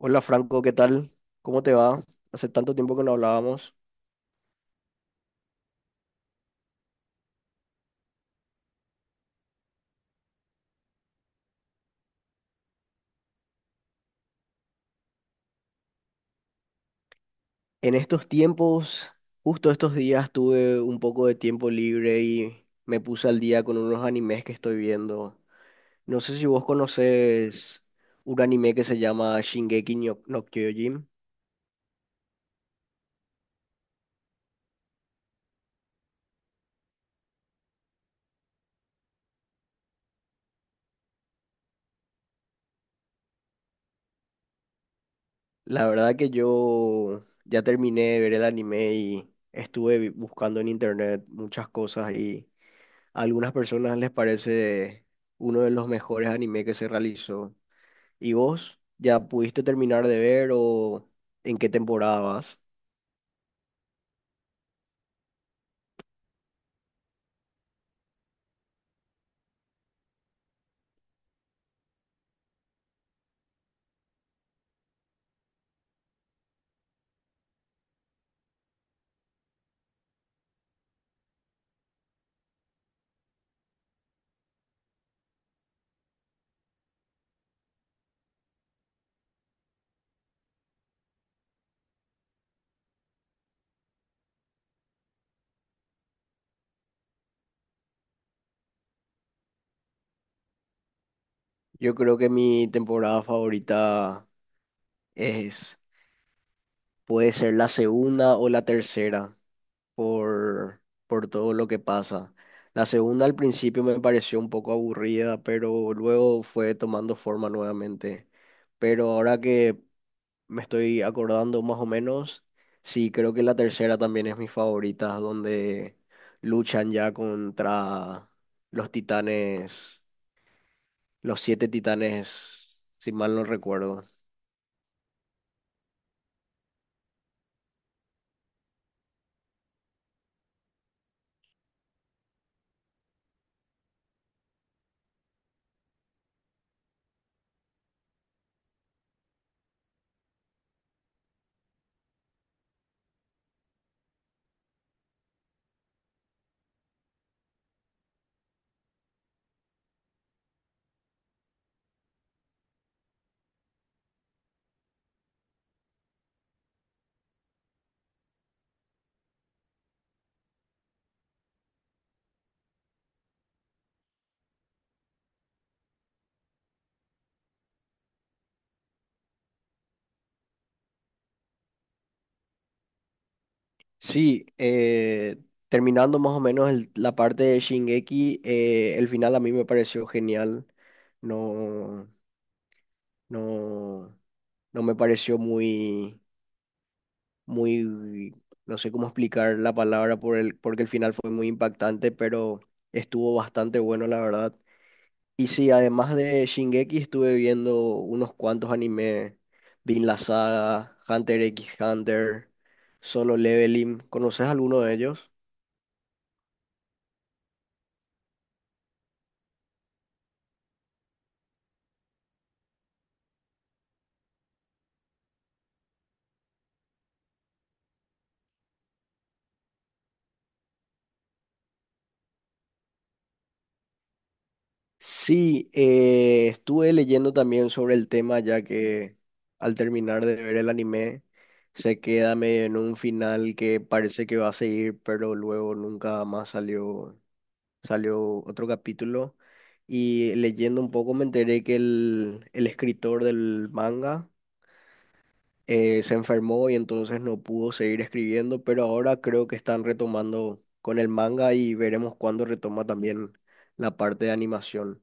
Hola, Franco, ¿qué tal? ¿Cómo te va? Hace tanto tiempo que no hablábamos. En estos tiempos, justo estos días, tuve un poco de tiempo libre y me puse al día con unos animes que estoy viendo. No sé si vos conoces un anime que se llama Shingeki no, no Kyojin. La verdad que yo ya terminé de ver el anime y estuve buscando en internet muchas cosas, y a algunas personas les parece uno de los mejores animes que se realizó. ¿Y vos ya pudiste terminar de ver o en qué temporada vas? Yo creo que mi temporada favorita es, puede ser la segunda o la tercera por, por todo lo que pasa. La segunda al principio me pareció un poco aburrida, pero luego fue tomando forma nuevamente. Pero ahora que me estoy acordando más o menos. Sí, creo que la tercera también es mi favorita, donde luchan ya contra los titanes, los 7 titanes, si mal no recuerdo. Sí, terminando más o menos la parte de Shingeki, el final a mí me pareció genial. No, no, no me pareció muy muy, no sé cómo explicar la palabra por porque el final fue muy impactante, pero estuvo bastante bueno, la verdad. Y sí, además de Shingeki, estuve viendo unos cuantos animes: Vinland la Saga, Hunter x Hunter, Solo Leveling. ¿Conoces alguno de ellos? Sí, estuve leyendo también sobre el tema, ya que al terminar de ver el anime se queda medio en un final que parece que va a seguir, pero luego nunca más salió otro capítulo, y leyendo un poco me enteré que el escritor del manga se enfermó y entonces no pudo seguir escribiendo, pero ahora creo que están retomando con el manga, y veremos cuándo retoma también la parte de animación.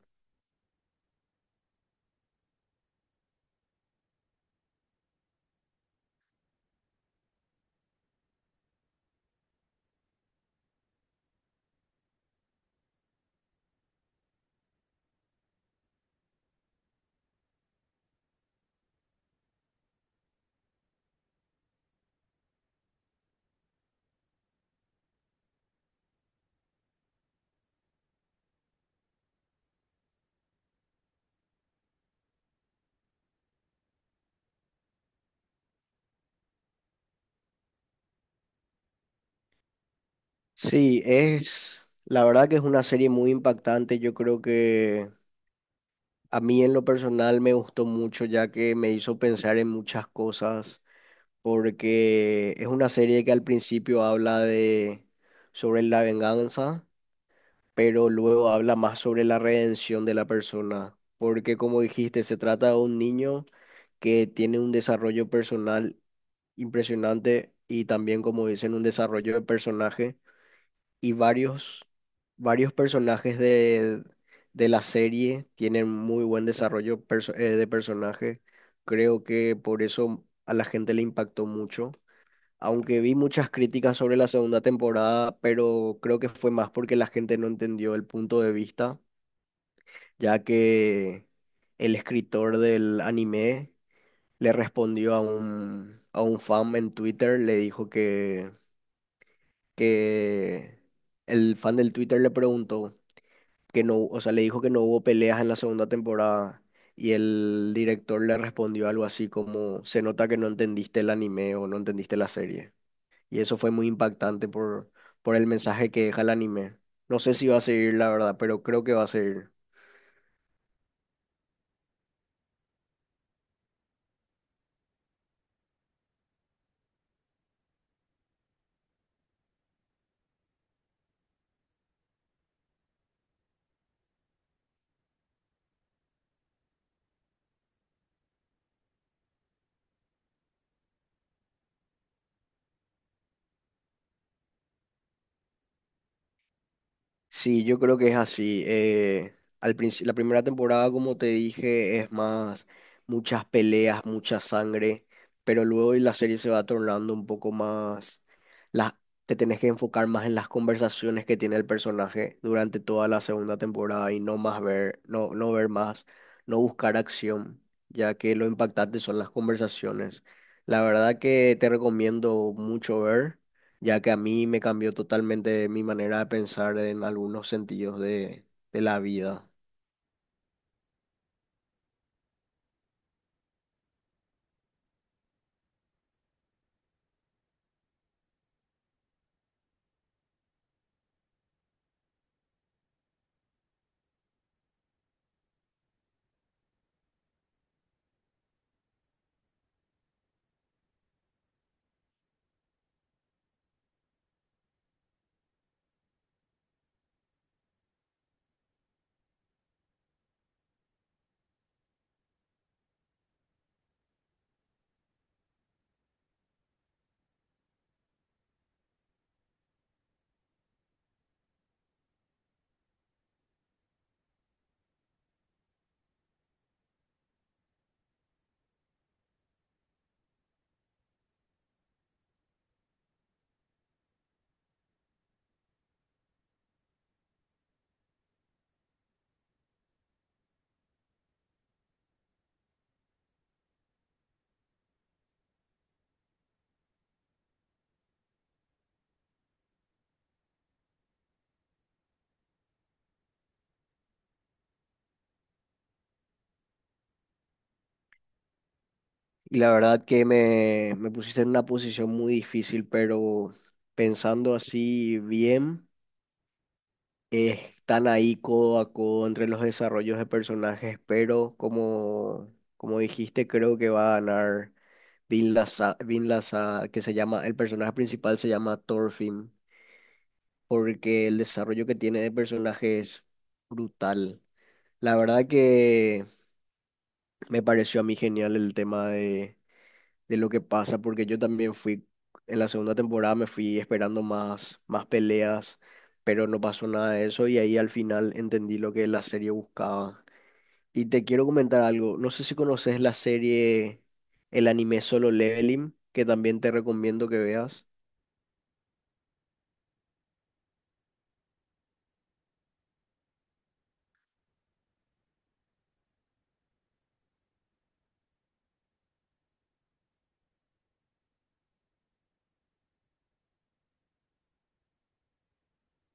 Sí, es, la verdad que es una serie muy impactante. Yo creo que a mí en lo personal me gustó mucho, ya que me hizo pensar en muchas cosas, porque es una serie que al principio habla de sobre la venganza, pero luego habla más sobre la redención de la persona, porque, como dijiste, se trata de un niño que tiene un desarrollo personal impresionante y también, como dicen, un desarrollo de personaje, y varios personajes de la serie tienen muy buen desarrollo de personaje. Creo que por eso a la gente le impactó mucho, aunque vi muchas críticas sobre la segunda temporada, pero creo que fue más porque la gente no entendió el punto de vista, ya que el escritor del anime le respondió a a un fan en Twitter. Le dijo que el fan del Twitter le preguntó que no, o sea, le dijo que no hubo peleas en la segunda temporada. Y el director le respondió algo así como, se nota que no entendiste el anime o no entendiste la serie. Y eso fue muy impactante por el mensaje que deja el anime. No sé si va a seguir, la verdad, pero creo que va a seguir. Sí, yo creo que es así. Al principio, la primera temporada, como te dije, es más muchas peleas, mucha sangre, pero luego la serie se va tornando un poco más, las te tenés que enfocar más en las conversaciones que tiene el personaje durante toda la segunda temporada, y no más ver, no, no ver más, no buscar acción, ya que lo impactante son las conversaciones. La verdad que te recomiendo mucho ver, ya que a mí me cambió totalmente mi manera de pensar en algunos sentidos de la vida. Y la verdad que me pusiste en una posición muy difícil, pero pensando así bien, están ahí codo a codo entre los desarrollos de personajes, pero como, como dijiste, creo que va a ganar que se llama, el personaje principal se llama Thorfinn, porque el desarrollo que tiene de personaje es brutal. La verdad que me pareció a mí genial el tema de lo que pasa, porque yo también fui, en la segunda temporada me fui esperando más, más peleas, pero no pasó nada de eso, y ahí al final entendí lo que la serie buscaba. Y te quiero comentar algo, no sé si conoces la serie, el anime Solo Leveling, que también te recomiendo que veas.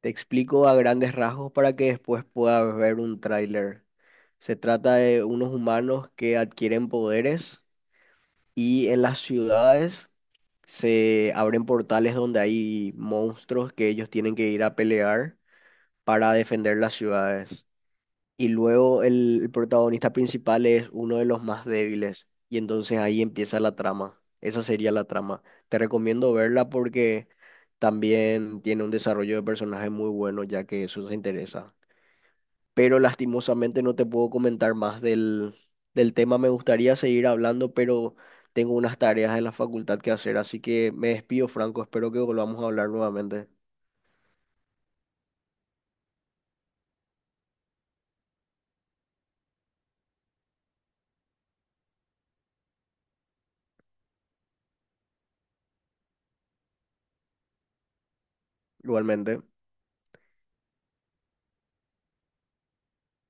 Te explico a grandes rasgos para que después puedas ver un tráiler. Se trata de unos humanos que adquieren poderes, y en las ciudades se abren portales donde hay monstruos que ellos tienen que ir a pelear para defender las ciudades. Y luego el protagonista principal es uno de los más débiles. Y entonces ahí empieza la trama. Esa sería la trama. Te recomiendo verla porque también tiene un desarrollo de personaje muy bueno, ya que eso te interesa, pero lastimosamente no te puedo comentar más del tema. Me gustaría seguir hablando, pero tengo unas tareas en la facultad que hacer, así que me despido, Franco. Espero que volvamos a hablar nuevamente. Igualmente.